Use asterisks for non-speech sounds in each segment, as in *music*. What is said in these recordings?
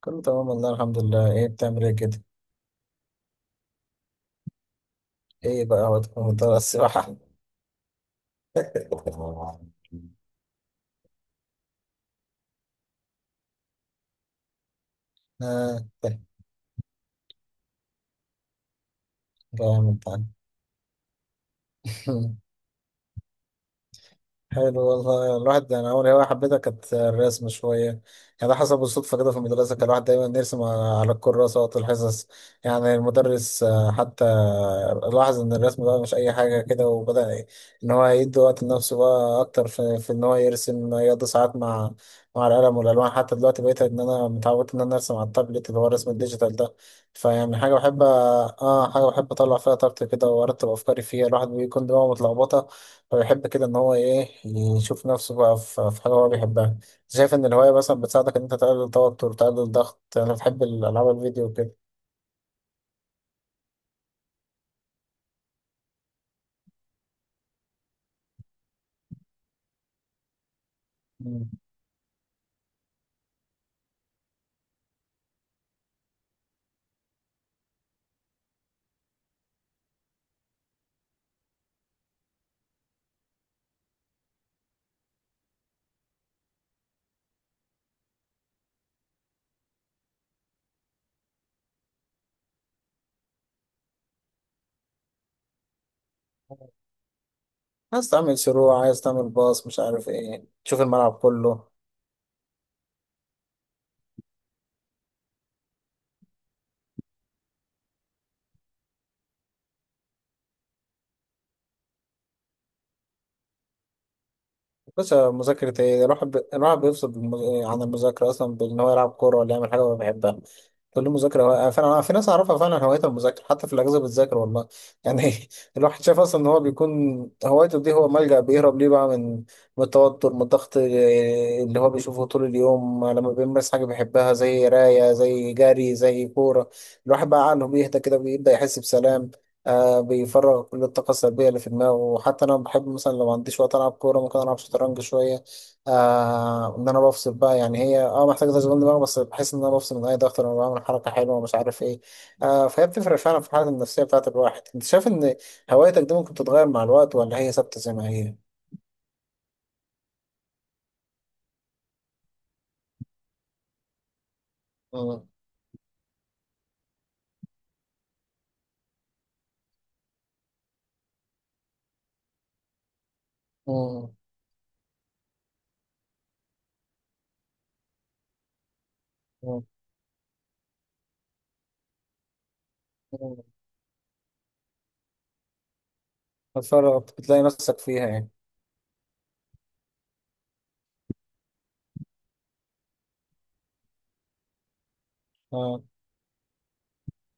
كله تمام والله الحمد لله. ايه بتعمل ايه كده؟ ايه بقى وقت السباحة؟ *laughs* اه، طيب. جامد ده. *laughs* حلو والله. الواحد انا اول هوايه حبيتها كانت الرسم شويه، يعني ده حصل بالصدفه كده في المدرسه. كان الواحد دايما يرسم على الكراسه وقت الحصص، يعني المدرس حتى لاحظ ان الرسم بقى مش اي حاجه كده، وبدا ان هو يدي وقت لنفسه بقى اكتر في ان هو يرسم، يقضي ساعات مع مع القلم والالوان. حتى دلوقتي بقيت ان انا متعود ان انا ارسم على التابلت، اللي هو الرسم الديجيتال ده. فيعني حاجه بحب حاجه بحب اطلع فيها طاقتي كده، وارتب افكاري فيها. الواحد بيكون دماغه متلخبطه، هو يحب كده ان هو ايه يشوف نفسه بقى في في حاجه هو بيحبها. شايف ان الهوايه مثلا بتساعدك ان انت تقلل التوتر، تقلل الضغط؟ انا بحب الالعاب الفيديو كده. مم. عايز تعمل شروع، عايز تعمل باص، مش عارف ايه، تشوف الملعب كله. بس مذاكرة ايه؟ الواحد الواحد بيفصل عن المذاكرة أصلا بإن هو يلعب كورة ولا يعمل حاجة هو بيحبها. كل مذاكرة فعلا في ناس أعرفها فعلا هوايتها المذاكرة، حتى في الأجازة بتذاكر والله، يعني. *laughs* الواحد شاف أصلا إن هو بيكون هوايته دي، هو ملجأ بيهرب ليه بقى من من التوتر، من الضغط اللي هو بيشوفه طول اليوم. لما بيمارس حاجة بيحبها زي قراية، زي جري، زي كورة، الواحد بقى عقله بيهدى كده، بيبدأ يحس بسلام. آه، بيفرغ كل الطاقة السلبية اللي في دماغه. وحتى أنا بحب مثلا لو ما عنديش وقت ألعب كورة، ممكن ألعب شطرنج شوية. آه، إن أنا بفصل بقى، يعني هي أه محتاجة تشغيل دماغ، بس بحس إن أنا بفصل من أي ضغط لما بعمل حركة حلوة ومش عارف إيه. آه، فهي بتفرق فعلا في الحالة النفسية بتاعت الواحد. أنت شايف إن هوايتك دي ممكن تتغير مع الوقت، ولا هي ثابتة زي ما هي؟ مم. مم. مم. مم. بتفرغ، بتلاقي نفسك فيها، يعني. آه.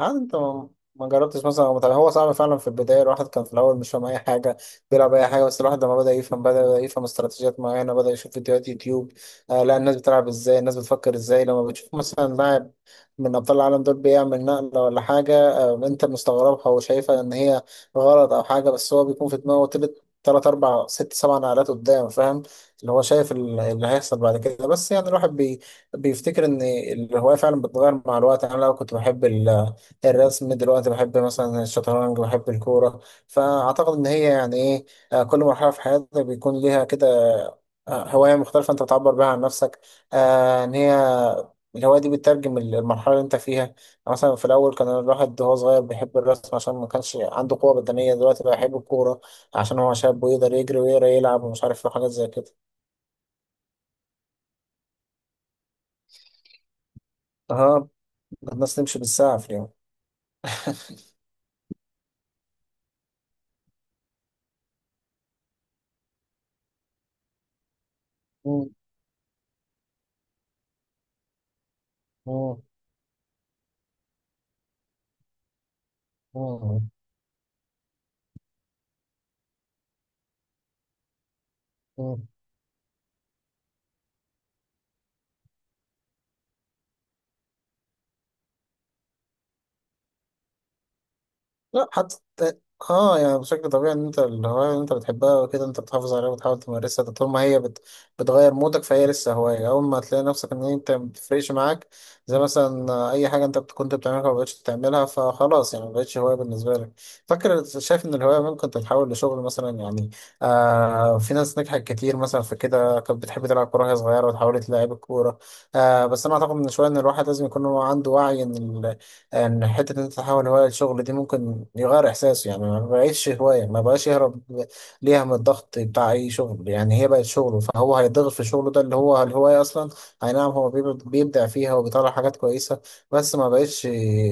عاد انت ما جربتش مثلا أو هو صعب فعلا في البدايه. الواحد كان في الاول مش فاهم اي حاجه، بيلعب اي حاجه. بس الواحد لما بدا يفهم، بدا يفهم استراتيجيات معينه، بدا يشوف فيديوهات يوتيوب. آه، لا الناس بتلعب ازاي، الناس بتفكر ازاي. لما بتشوف مثلا لاعب من ابطال العالم دول بيعمل نقله ولا حاجه، آه، انت مستغربها وشايفها ان هي غلط او حاجه، بس هو بيكون في دماغه تلات أربع ست سبع نقلات قدام، فاهم، اللي هو شايف اللي هيحصل بعد كده. بس يعني الواحد بيفتكر إن الهواية فعلا بتتغير مع الوقت. أنا لو كنت بحب الرسم دلوقتي بحب مثلا الشطرنج، بحب الكورة. فأعتقد إن هي يعني إيه، آه، كل مرحلة في حياتك بيكون ليها كده آه، هواية مختلفة أنت بتعبر بيها عن نفسك، آه، إن هي الهواية دي بتترجم المرحلة اللي أنت فيها، يعني. مثلا في الأول كان الواحد وهو صغير بيحب الرسم عشان ما كانش عنده قوة بدنية، دلوقتي بقى يحب الكورة عشان هو شاب، ويقدر يجري ويقدر يلعب ومش عارف إيه وحاجات زي كده. أها، الناس تمشي بالساعة في اليوم. *laughs* مم. مم. مم. مم. لا، حتى اه يعني بشكل طبيعي ان انت الهواية اللي انت بتحبها وكده انت بتحافظ عليها، وبتحاول تمارسها. ده طول ما هي بتغير مودك، فهي لسه هواية. اول ما تلاقي نفسك ان انت ما بتفرقش معاك، زي مثلا آه، اي حاجة انت كنت بتعملها ما بقتش بتعملها، فخلاص يعني ما بقتش هواية بالنسبة لك. فاكر شايف ان الهواية ممكن تتحول لشغل مثلا، يعني آه في ناس نجحت كتير مثلا في كده، كانت بتحب تلعب كورة وهي صغيرة وتحولت لعيب الكورة. آه، بس انا اعتقد من شوية ان الواحد لازم يكون هو عنده وعي ان ان حته إن انت تحول هوايه لشغل دي ممكن يغير احساسه، يعني ما بقتش هوايه، ما بقاش يهرب ليها من الضغط بتاع اي شغل. يعني هي بقت شغله، فهو هيتضغط في شغله، ده اللي هو الهوايه اصلا. اي نعم هو بيبدع فيها وبيطلع حاجات كويسه، بس ما بقتش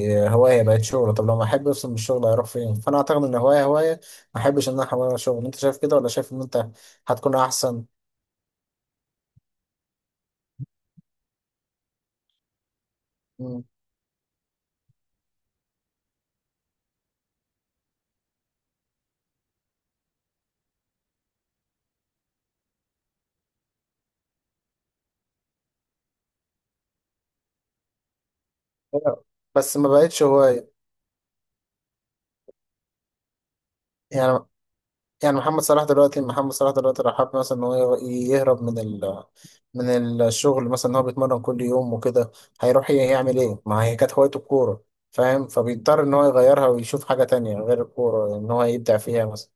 هوايه، بقت شغله. طب لما احب افصل من الشغل هيروح فين؟ فانا اعتقد ان هوايه ما احبش ان انا احولها لشغل. انت شايف كده ولا شايف ان انت هتكون احسن؟ مم. بس ما بقتش هوايه، يعني. يعني محمد صلاح دلوقتي، محمد صلاح دلوقتي راح حب مثلا ان هو يهرب من ال من الشغل مثلا، ان هو بيتمرن كل يوم وكده، هيروح يعمل ايه؟ ما هي كانت هوايته الكورة، فاهم؟ فبيضطر ان هو يغيرها ويشوف حاجة تانية غير الكورة ان هو يبدع فيها مثلا.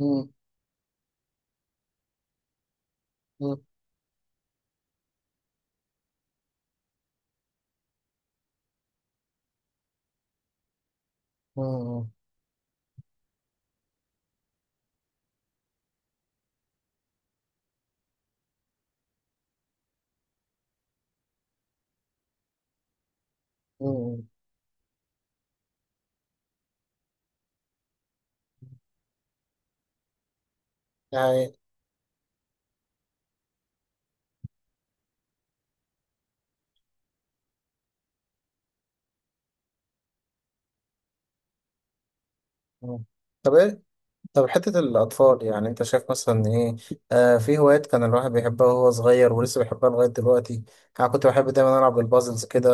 مم. مم. مم. مم. يعني. مم. طب ايه، طب حتة الأطفال، يعني أنت شايف مثلا إيه، آه، في هوايات كان الواحد بيحبها وهو صغير ولسه بيحبها لغاية دلوقتي. أنا كنت بحب دايما ألعب بالبازلز كده،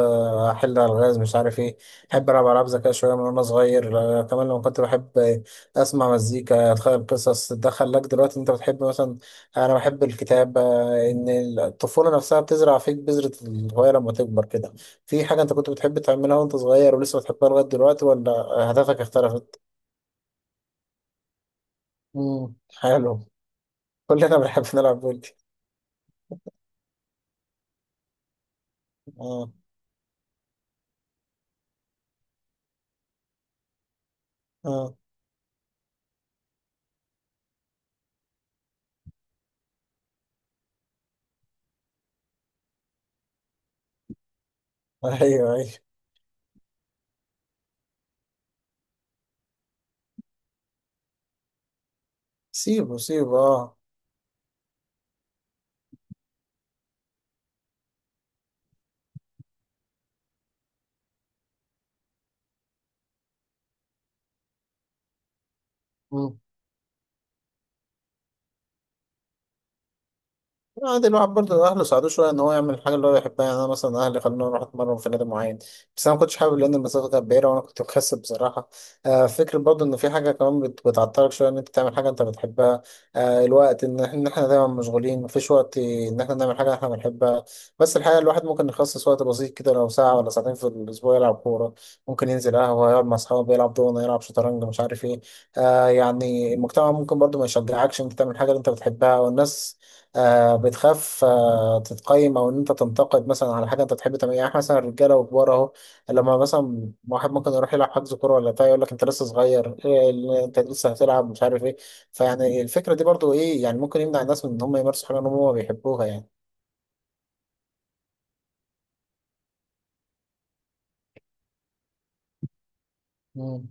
أحل ألغاز مش عارف إيه. بحب ألعب ألعاب ذكاء شوية من وأنا صغير. آه، كمان لما كنت بحب آه، أسمع مزيكا، أتخيل قصص. ده خلاك دلوقتي أنت بتحب مثلا، أنا بحب الكتاب. آه، إن الطفولة نفسها بتزرع فيك بذرة الهواية لما تكبر كده. في حاجة أنت كنت بتحب تعملها وأنت صغير ولسه بتحبها لغاية دلوقتي، ولا أهدافك اختلفت؟ مم. حلو. كلنا بنحب نلعب بولي. اه. اه. ايوه، ايوه. سيبه، سيبه، اه. عادي. الواحد برضه أهله ساعدوه شوية إن هو يعمل الحاجة اللي هو يحبها، يعني أنا مثلا أهلي خلوني أروح أتمرن في نادي معين، بس أنا ما كنتش حابب لأن المسافة كانت بعيدة وأنا كنت مكسل بصراحة. آه، فكرة برضه إن في حاجة كمان بتعطلك شوية إن أنت تعمل حاجة أنت بتحبها. آه، الوقت، إن إن إحنا دايما مشغولين، مفيش وقت إن إحنا نعمل حاجة إحنا بنحبها. بس الحقيقة الواحد ممكن يخصص وقت بسيط كده، لو ساعة ولا ساعتين في الأسبوع يلعب كورة، ممكن ينزل قهوة يقعد مع أصحابه، يلعب دومنة، يلعب شطرنج، مش عارف إيه. آه، يعني المجتمع ممكن برضه ما يشجعكش إن أنت تعمل حاجة اللي أنت بتحبها. والناس آه بتخاف آه تتقيم او ان انت تنتقد مثلا على حاجه انت تحب تعملها. يعني إحنا مثلا الرجاله وكبار اهو لما مثلا واحد ممكن يروح يلعب حجز كوره ولا بتاع، يقول لك انت لسه صغير، إيه اللي انت لسه هتلعب، مش عارف ايه. فيعني الفكره دي برضو ايه، يعني ممكن يمنع الناس من ان هم يمارسوا حاجه هم ما بيحبوها، يعني. مم.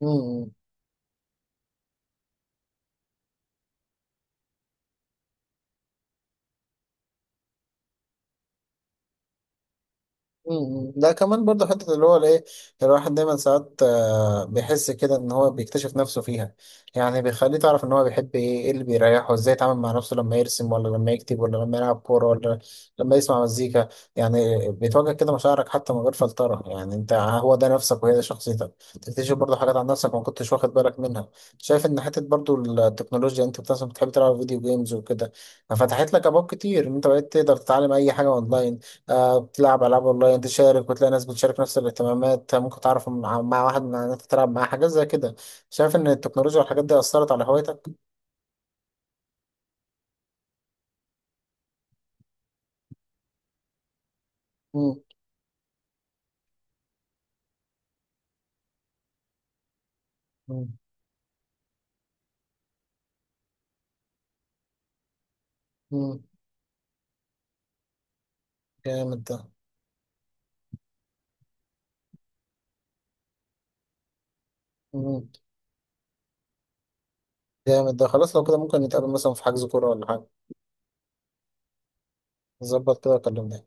مم. مم. ده كمان برضه حتة اللي هو الايه، الواحد دايما ساعات آه، بيحس كده ان هو بيكتشف نفسه فيها. يعني بيخليه تعرف ان هو بيحب ايه، ايه اللي بيريحه، ازاي يتعامل مع نفسه لما يرسم ولا لما يكتب ولا لما يلعب كورة ولا لما يسمع مزيكا. يعني بتواجه كده مشاعرك حتى من غير فلترة. يعني انت آه، هو ده نفسك وهي ده شخصيتك. تكتشف برضه حاجات عن نفسك ما كنتش واخد بالك منها. شايف ان حتة برضه التكنولوجيا، انت مثلا بتحب تلعب فيديو جيمز وكده، ففتحت لك ابواب كتير ان انت بقيت تقدر تتعلم اي حاجة اونلاين. آه، بتلعب ألعاب أونلاين، تشارك وتلاقي ناس بتشارك نفس الاهتمامات. آه، ممكن تعرف مع مع واحد من إن أنت تلعب معاه حاجات زي كده. شايف إن التكنولوجيا والحاجات دي أثرت على هوايتك؟ مم. مم. مم. جامد ده. مم. جامد ده. خلاص لو كده ممكن نتقابل مثلا في حجز كورة ولا حاجة، نظبط كده وكلمني.